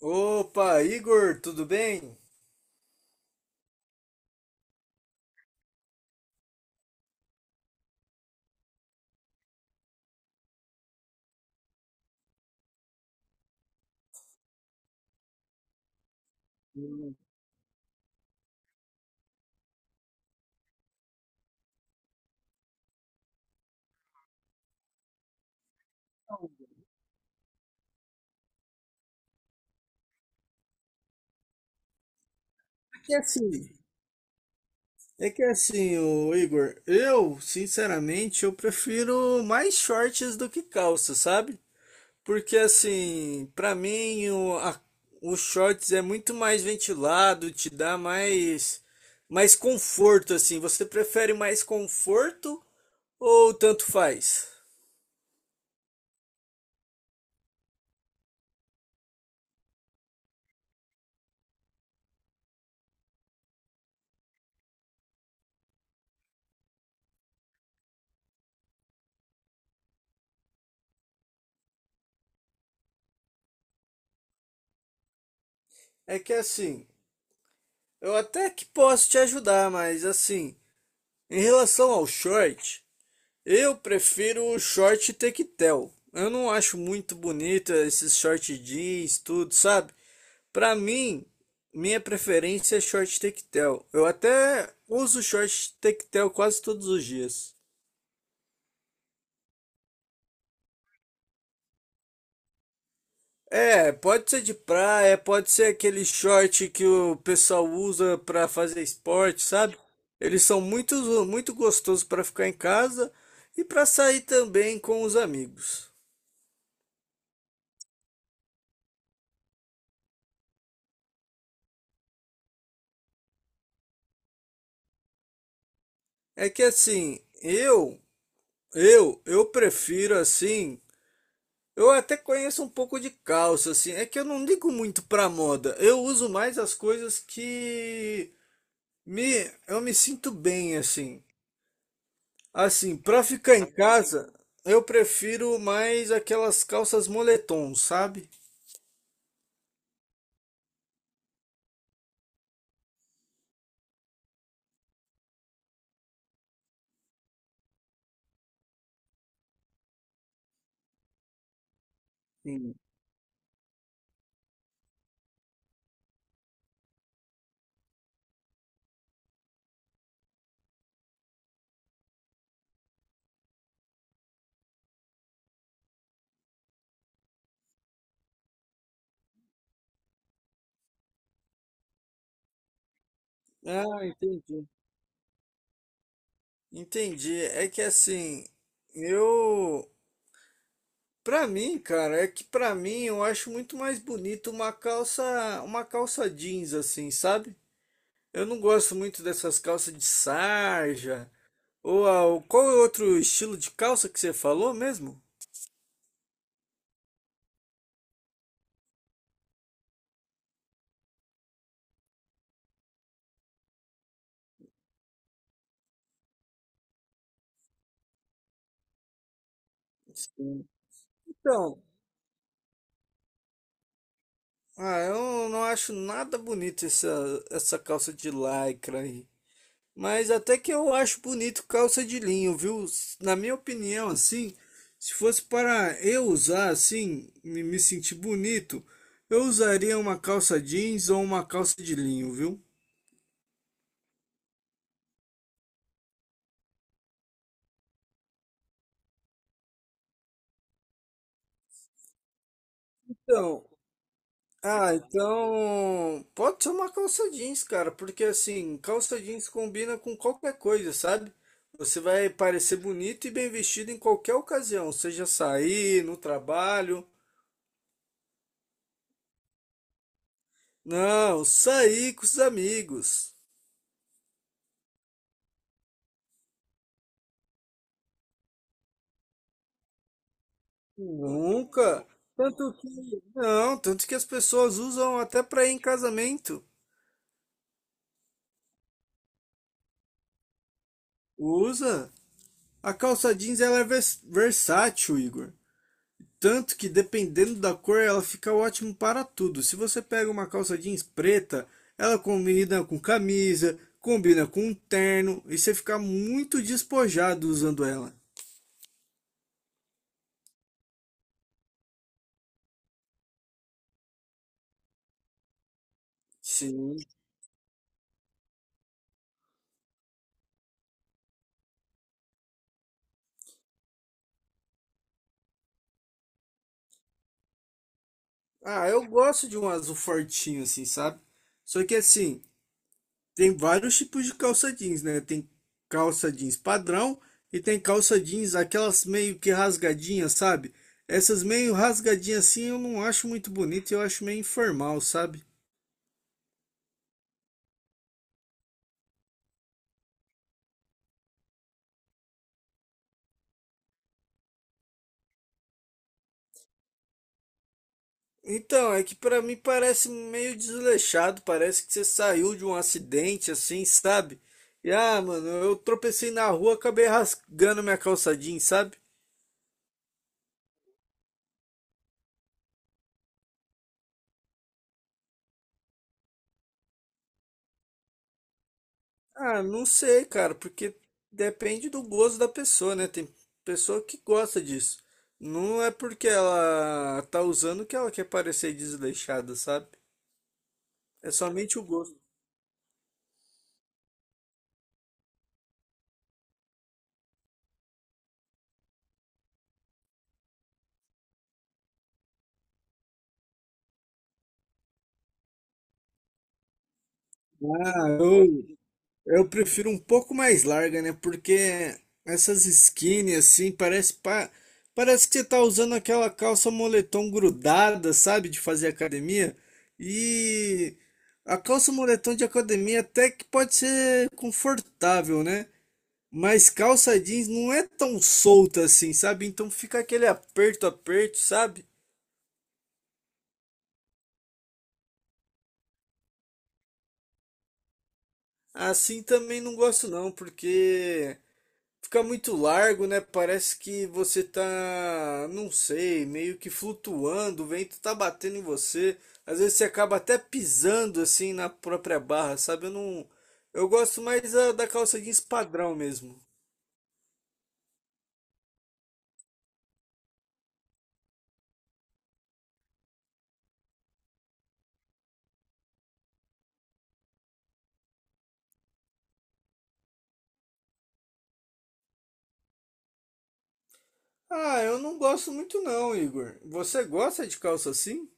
Opa, Igor, tudo bem? É que assim, ô Igor, sinceramente, eu prefiro mais shorts do que calça, sabe? Porque assim, pra mim o shorts é muito mais ventilado, te dá mais conforto assim. Você prefere mais conforto ou tanto faz? É que assim, eu até que posso te ajudar, mas assim, em relação ao short, eu prefiro o short tectel. Eu não acho muito bonito esses short jeans, tudo, sabe? Pra mim, minha preferência é short tectel. Eu até uso short tectel quase todos os dias. É, pode ser de praia, pode ser aquele short que o pessoal usa pra fazer esporte, sabe? Eles são muito, muito gostosos pra ficar em casa e pra sair também com os amigos. É que assim, eu Eu prefiro assim. Eu até conheço um pouco de calça, assim. É que eu não ligo muito pra moda. Eu uso mais as coisas que me, eu me sinto bem, assim. Assim, pra ficar em casa, eu prefiro mais aquelas calças moletom, sabe? Sim. Ah, entendi. Entendi. Eu, pra mim, cara, é que pra mim eu acho muito mais bonito uma calça jeans, assim, sabe? Eu não gosto muito dessas calças de sarja. Ou qual é outro estilo de calça que você falou mesmo? Sim. Então, ah, eu não acho nada bonito essa, essa calça de lycra aí. Mas até que eu acho bonito calça de linho, viu? Na minha opinião, assim, se fosse para eu usar assim, me sentir bonito, eu usaria uma calça jeans ou uma calça de linho, viu? Então, ah, então pode ser uma calça jeans, cara, porque assim, calça jeans combina com qualquer coisa, sabe? Você vai parecer bonito e bem vestido em qualquer ocasião, seja sair, no trabalho. Não, sair com os amigos. Nunca. Tanto que, não, tanto que as pessoas usam até pra ir em casamento. Usa. A calça jeans ela é versátil, Igor. Tanto que dependendo da cor, ela fica ótimo para tudo. Se você pega uma calça jeans preta, ela combina com camisa, combina com um terno e você fica muito despojado usando ela. Sim. Ah, eu gosto de um azul fortinho assim, sabe? Só que assim, tem vários tipos de calça jeans, né? Tem calça jeans padrão e tem calça jeans aquelas meio que rasgadinhas, sabe? Essas meio rasgadinhas assim eu não acho muito bonito, eu acho meio informal, sabe? Então, é que pra mim parece meio desleixado, parece que você saiu de um acidente assim, sabe? E ah, mano, eu tropecei na rua, acabei rasgando minha calça jeans, sabe? Ah, não sei, cara, porque depende do gosto da pessoa, né? Tem pessoa que gosta disso. Não é porque ela tá usando que ela quer parecer desleixada, sabe? É somente o gosto. Ah, eu Eu prefiro um pouco mais larga, né? Porque essas skinny assim, parece que você tá usando aquela calça moletom grudada, sabe? De fazer academia. E a calça moletom de academia até que pode ser confortável, né? Mas calça jeans não é tão solta assim, sabe? Então fica aperto, sabe? Assim também não gosto não, porque fica muito largo, né? Parece que você tá, não sei, meio que flutuando, o vento tá batendo em você. Às vezes você acaba até pisando assim na própria barra, sabe? Eu não, eu gosto mais da calça jeans padrão mesmo. Ah, eu não gosto muito não, Igor. Você gosta de calça assim?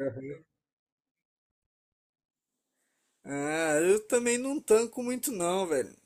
Aham. Ah, eu também não tanco muito não, velho.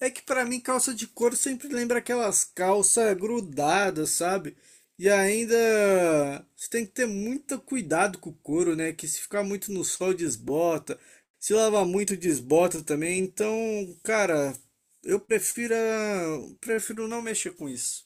É que pra mim calça de couro sempre lembra aquelas calças grudadas, sabe? E ainda você tem que ter muito cuidado com o couro, né? Que se ficar muito no sol desbota, se lavar muito desbota também. Então, cara, prefiro não mexer com isso.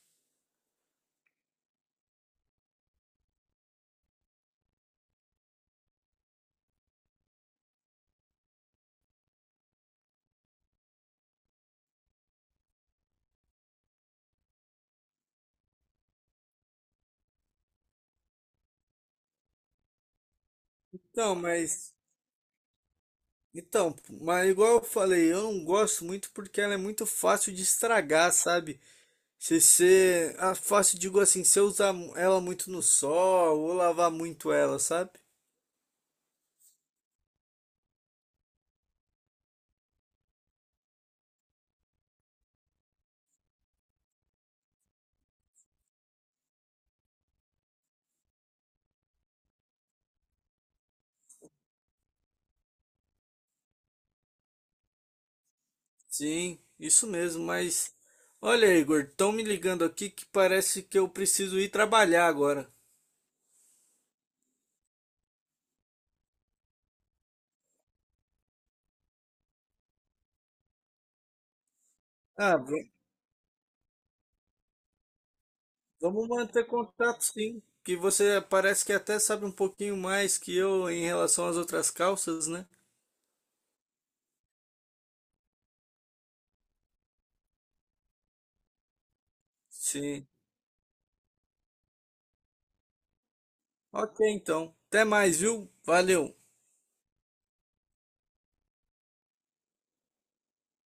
Então, mas então, mas igual eu falei, eu não gosto muito porque ela é muito fácil de estragar, sabe? Se você. Ah, fácil, digo assim, se eu usar ela muito no sol ou lavar muito ela, sabe? Sim, isso mesmo, mas. Olha, Igor, estão me ligando aqui que parece que eu preciso ir trabalhar agora. Ah, v- Vamos manter contato, sim. Que você parece que até sabe um pouquinho mais que eu em relação às outras calças, né? Sim. Ok, então. Até mais, viu? Valeu.